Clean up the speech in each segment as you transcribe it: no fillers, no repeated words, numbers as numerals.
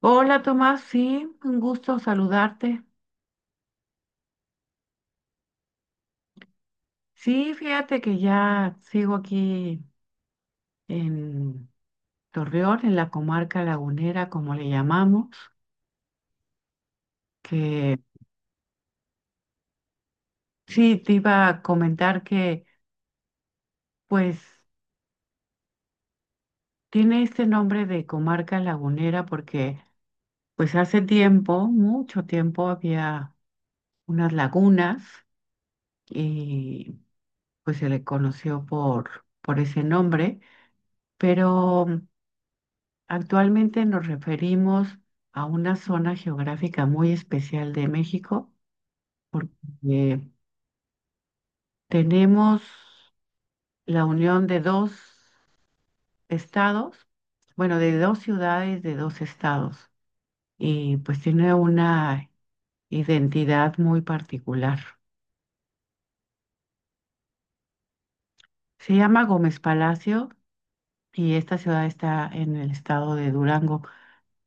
Hola Tomás, sí, un gusto saludarte. Sí, fíjate que ya sigo aquí en Torreón, en la comarca lagunera, como le llamamos, que sí, te iba a comentar que pues tiene este nombre de comarca lagunera porque pues hace tiempo, mucho tiempo, había unas lagunas y pues se le conoció por ese nombre, pero actualmente nos referimos a una zona geográfica muy especial de México porque tenemos la unión de dos estados, bueno, de dos ciudades, de dos estados, y pues tiene una identidad muy particular. Se llama Gómez Palacio y esta ciudad está en el estado de Durango,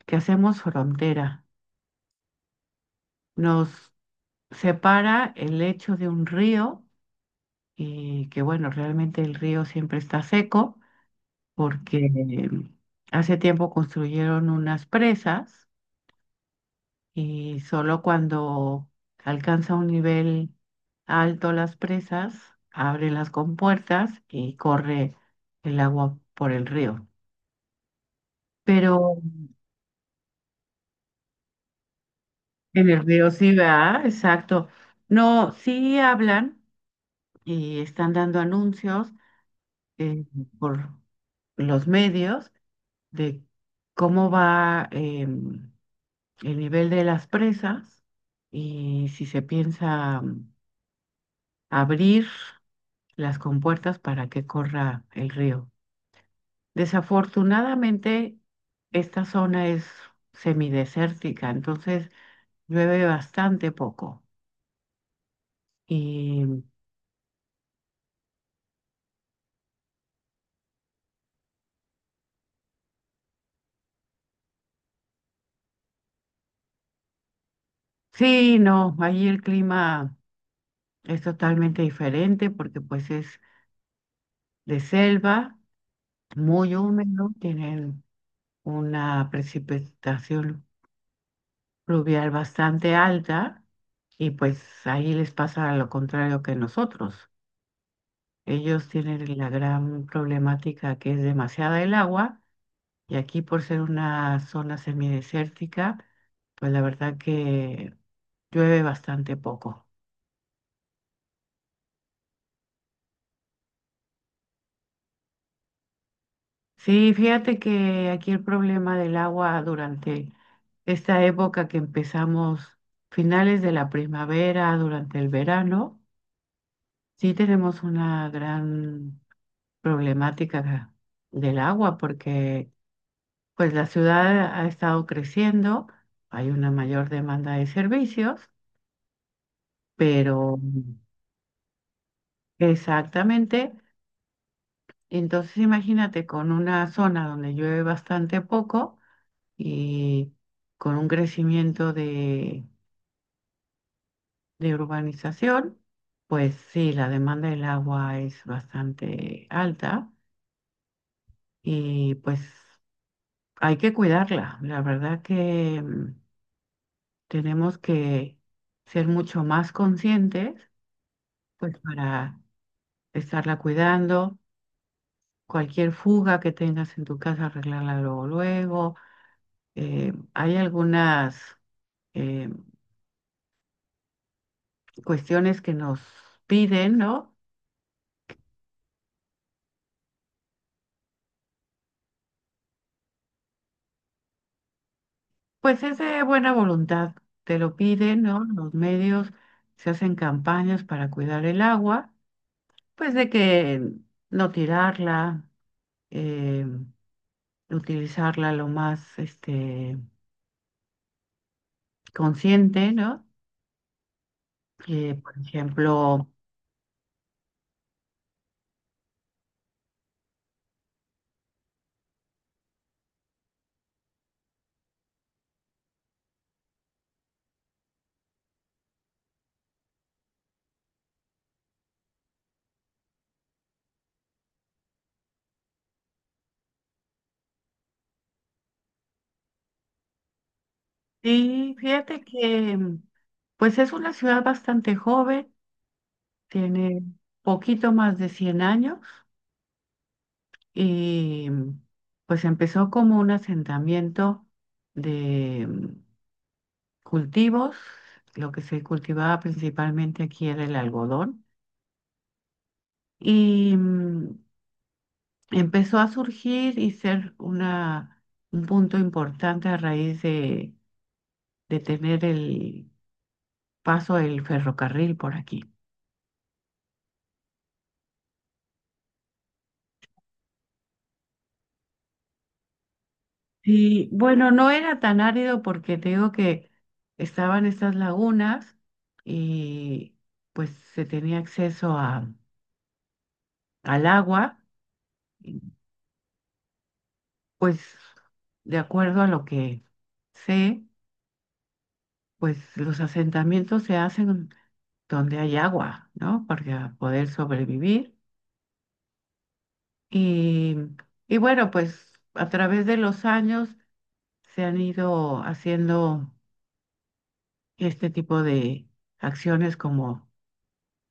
que hacemos frontera. Nos separa el lecho de un río y que bueno, realmente el río siempre está seco porque hace tiempo construyeron unas presas y solo cuando alcanza un nivel alto las presas, abren las compuertas y corre el agua por el río. Pero en el río sí, va, exacto. No, sí hablan y están dando anuncios eh, por los medios de cómo va, el nivel de las presas y si se piensa abrir las compuertas para que corra el río. Desafortunadamente, esta zona es semidesértica, entonces llueve bastante poco. Y sí, no, ahí el clima es totalmente diferente porque pues es de selva, muy húmedo, tienen una precipitación pluvial bastante alta y pues ahí les pasa lo contrario que nosotros. Ellos tienen la gran problemática que es demasiada el agua y aquí por ser una zona semidesértica, pues la verdad que llueve bastante poco. Sí, fíjate que aquí el problema del agua durante esta época que empezamos finales de la primavera, durante el verano, sí tenemos una gran problemática del agua, porque pues la ciudad ha estado creciendo, hay una mayor demanda de servicios, pero exactamente, entonces imagínate con una zona donde llueve bastante poco y con un crecimiento de urbanización, pues sí, la demanda del agua es bastante alta y pues hay que cuidarla. La verdad que tenemos que ser mucho más conscientes, pues para estarla cuidando. Cualquier fuga que tengas en tu casa, arreglarla luego, luego. Hay algunas eh, cuestiones que nos piden, ¿no? Pues es de buena voluntad. Te lo piden, ¿no? Los medios se hacen campañas para cuidar el agua, pues de que no tirarla, eh, utilizarla lo más consciente, ¿no? Que, por ejemplo, sí, fíjate que pues es una ciudad bastante joven, tiene poquito más de 100 años y pues empezó como un asentamiento de cultivos, lo que se cultivaba principalmente aquí era el algodón y empezó a surgir y ser un punto importante a raíz de tener el paso del ferrocarril por aquí. Sí, bueno, no era tan árido porque te digo que estaban estas lagunas y pues se tenía acceso al agua. y, Pues de acuerdo a lo que sé, pues los asentamientos se hacen donde hay agua, ¿no? Para poder sobrevivir. Y, y bueno, pues a través de los años se han ido haciendo este tipo de acciones como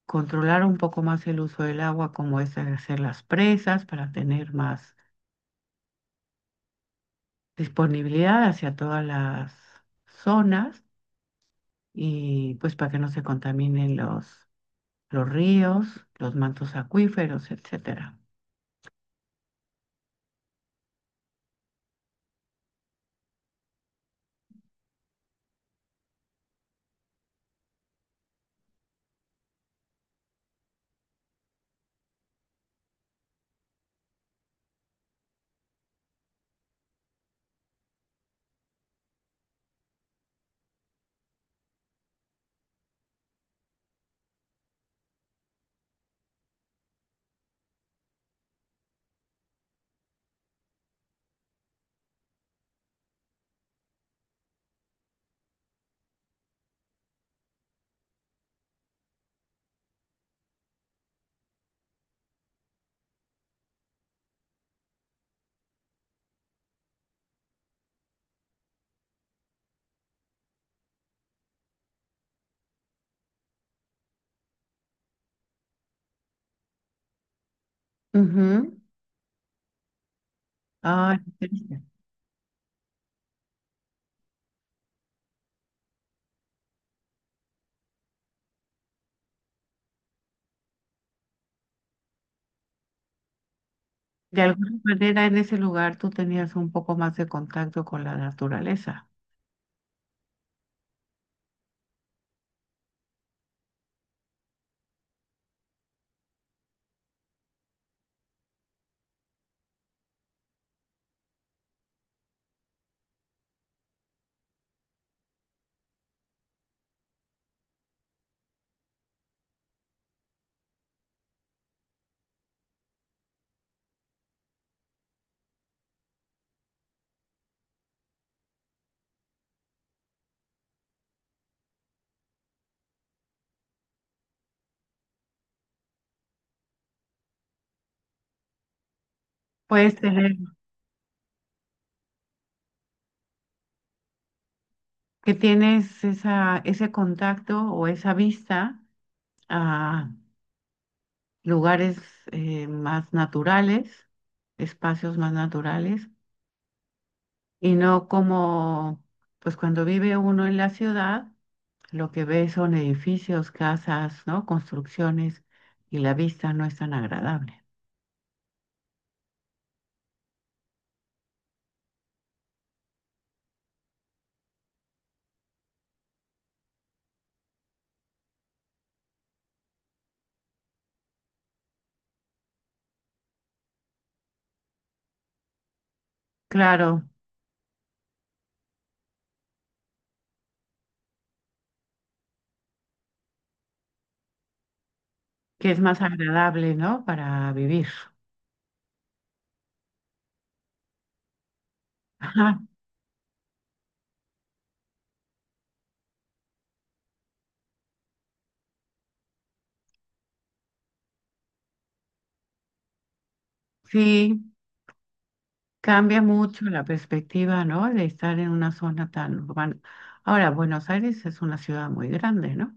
controlar un poco más el uso del agua, como es hacer las presas para tener más disponibilidad hacia todas las zonas y pues para que no se contaminen los ríos, los mantos acuíferos, etcétera. Ujú. Ah, interesante. De alguna manera en ese lugar tú tenías un poco más de contacto con la naturaleza. Puedes tener Que tienes ese contacto o esa vista a lugares más naturales, espacios más naturales, y no como, pues cuando vive uno en la ciudad, lo que ve son edificios, casas, ¿no? Construcciones, y la vista no es tan agradable. Claro, que es más agradable, ¿no? Para vivir. Ajá. Sí, cambia mucho la perspectiva, ¿no? De estar en una zona tan urbana. Ahora, Buenos Aires es una ciudad muy grande, ¿no?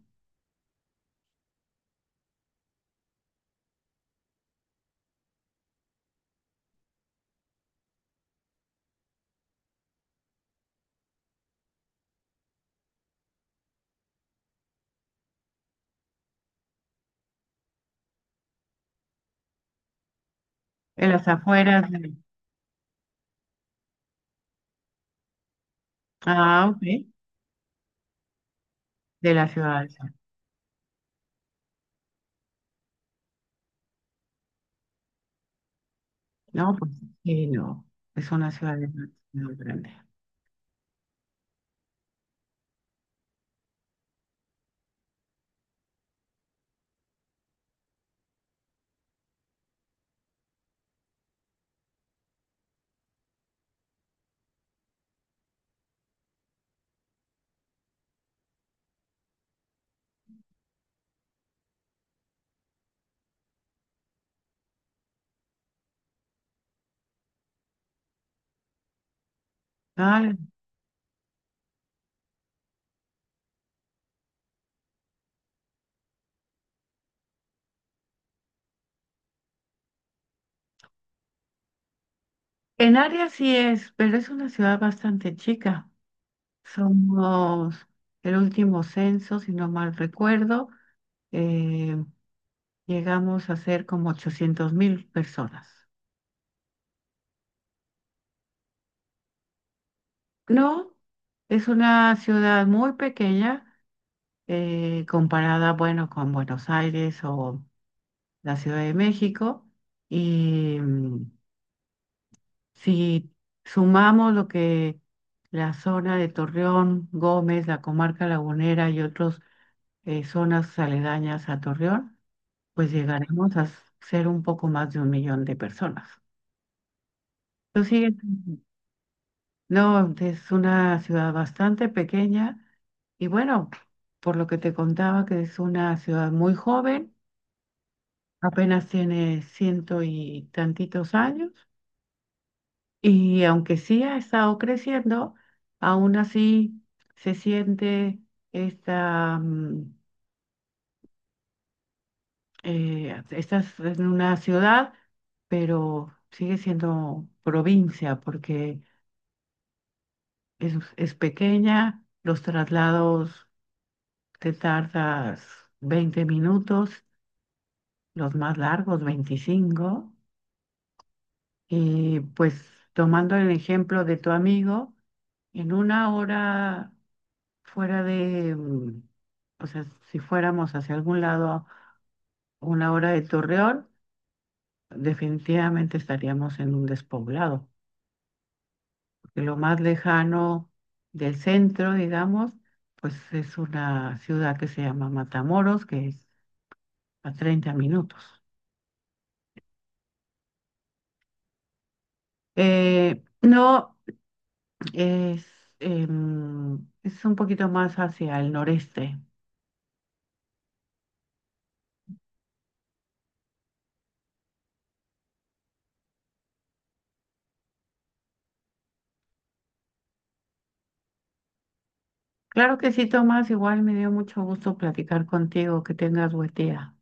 En las afueras de. Ah, ok. De la ciudad del centro. No, pues sí, no. Es una ciudad demasiado grande. Vale. En área sí es, pero es una ciudad bastante chica. Somos el último censo, si no mal recuerdo, eh, llegamos a ser como 800.000 personas. No, es una ciudad muy pequeña comparada, bueno, con Buenos Aires o la Ciudad de México. Y si sumamos lo que la zona de Torreón, Gómez, la comarca lagunera y otras zonas aledañas a Torreón, pues llegaremos a ser un poco más de un millón de personas. Pero sí, no, es una ciudad bastante pequeña y bueno, por lo que te contaba que es una ciudad muy joven, apenas tiene ciento y tantitos años. Y aunque sí ha estado creciendo, aún así se siente esta, mm, estás en una ciudad, pero sigue siendo provincia porque es pequeña, los traslados te tardas 20 minutos, los más largos 25, y pues tomando el ejemplo de tu amigo, en una hora fuera de, o sea, si fuéramos hacia algún lado una hora de Torreón, definitivamente estaríamos en un despoblado, porque lo más lejano del centro, digamos, pues es una ciudad que se llama Matamoros, que es a 30 minutos. No, es, es un poquito más hacia el noreste. Claro que sí, Tomás, igual me dio mucho gusto platicar contigo, que tengas buen día.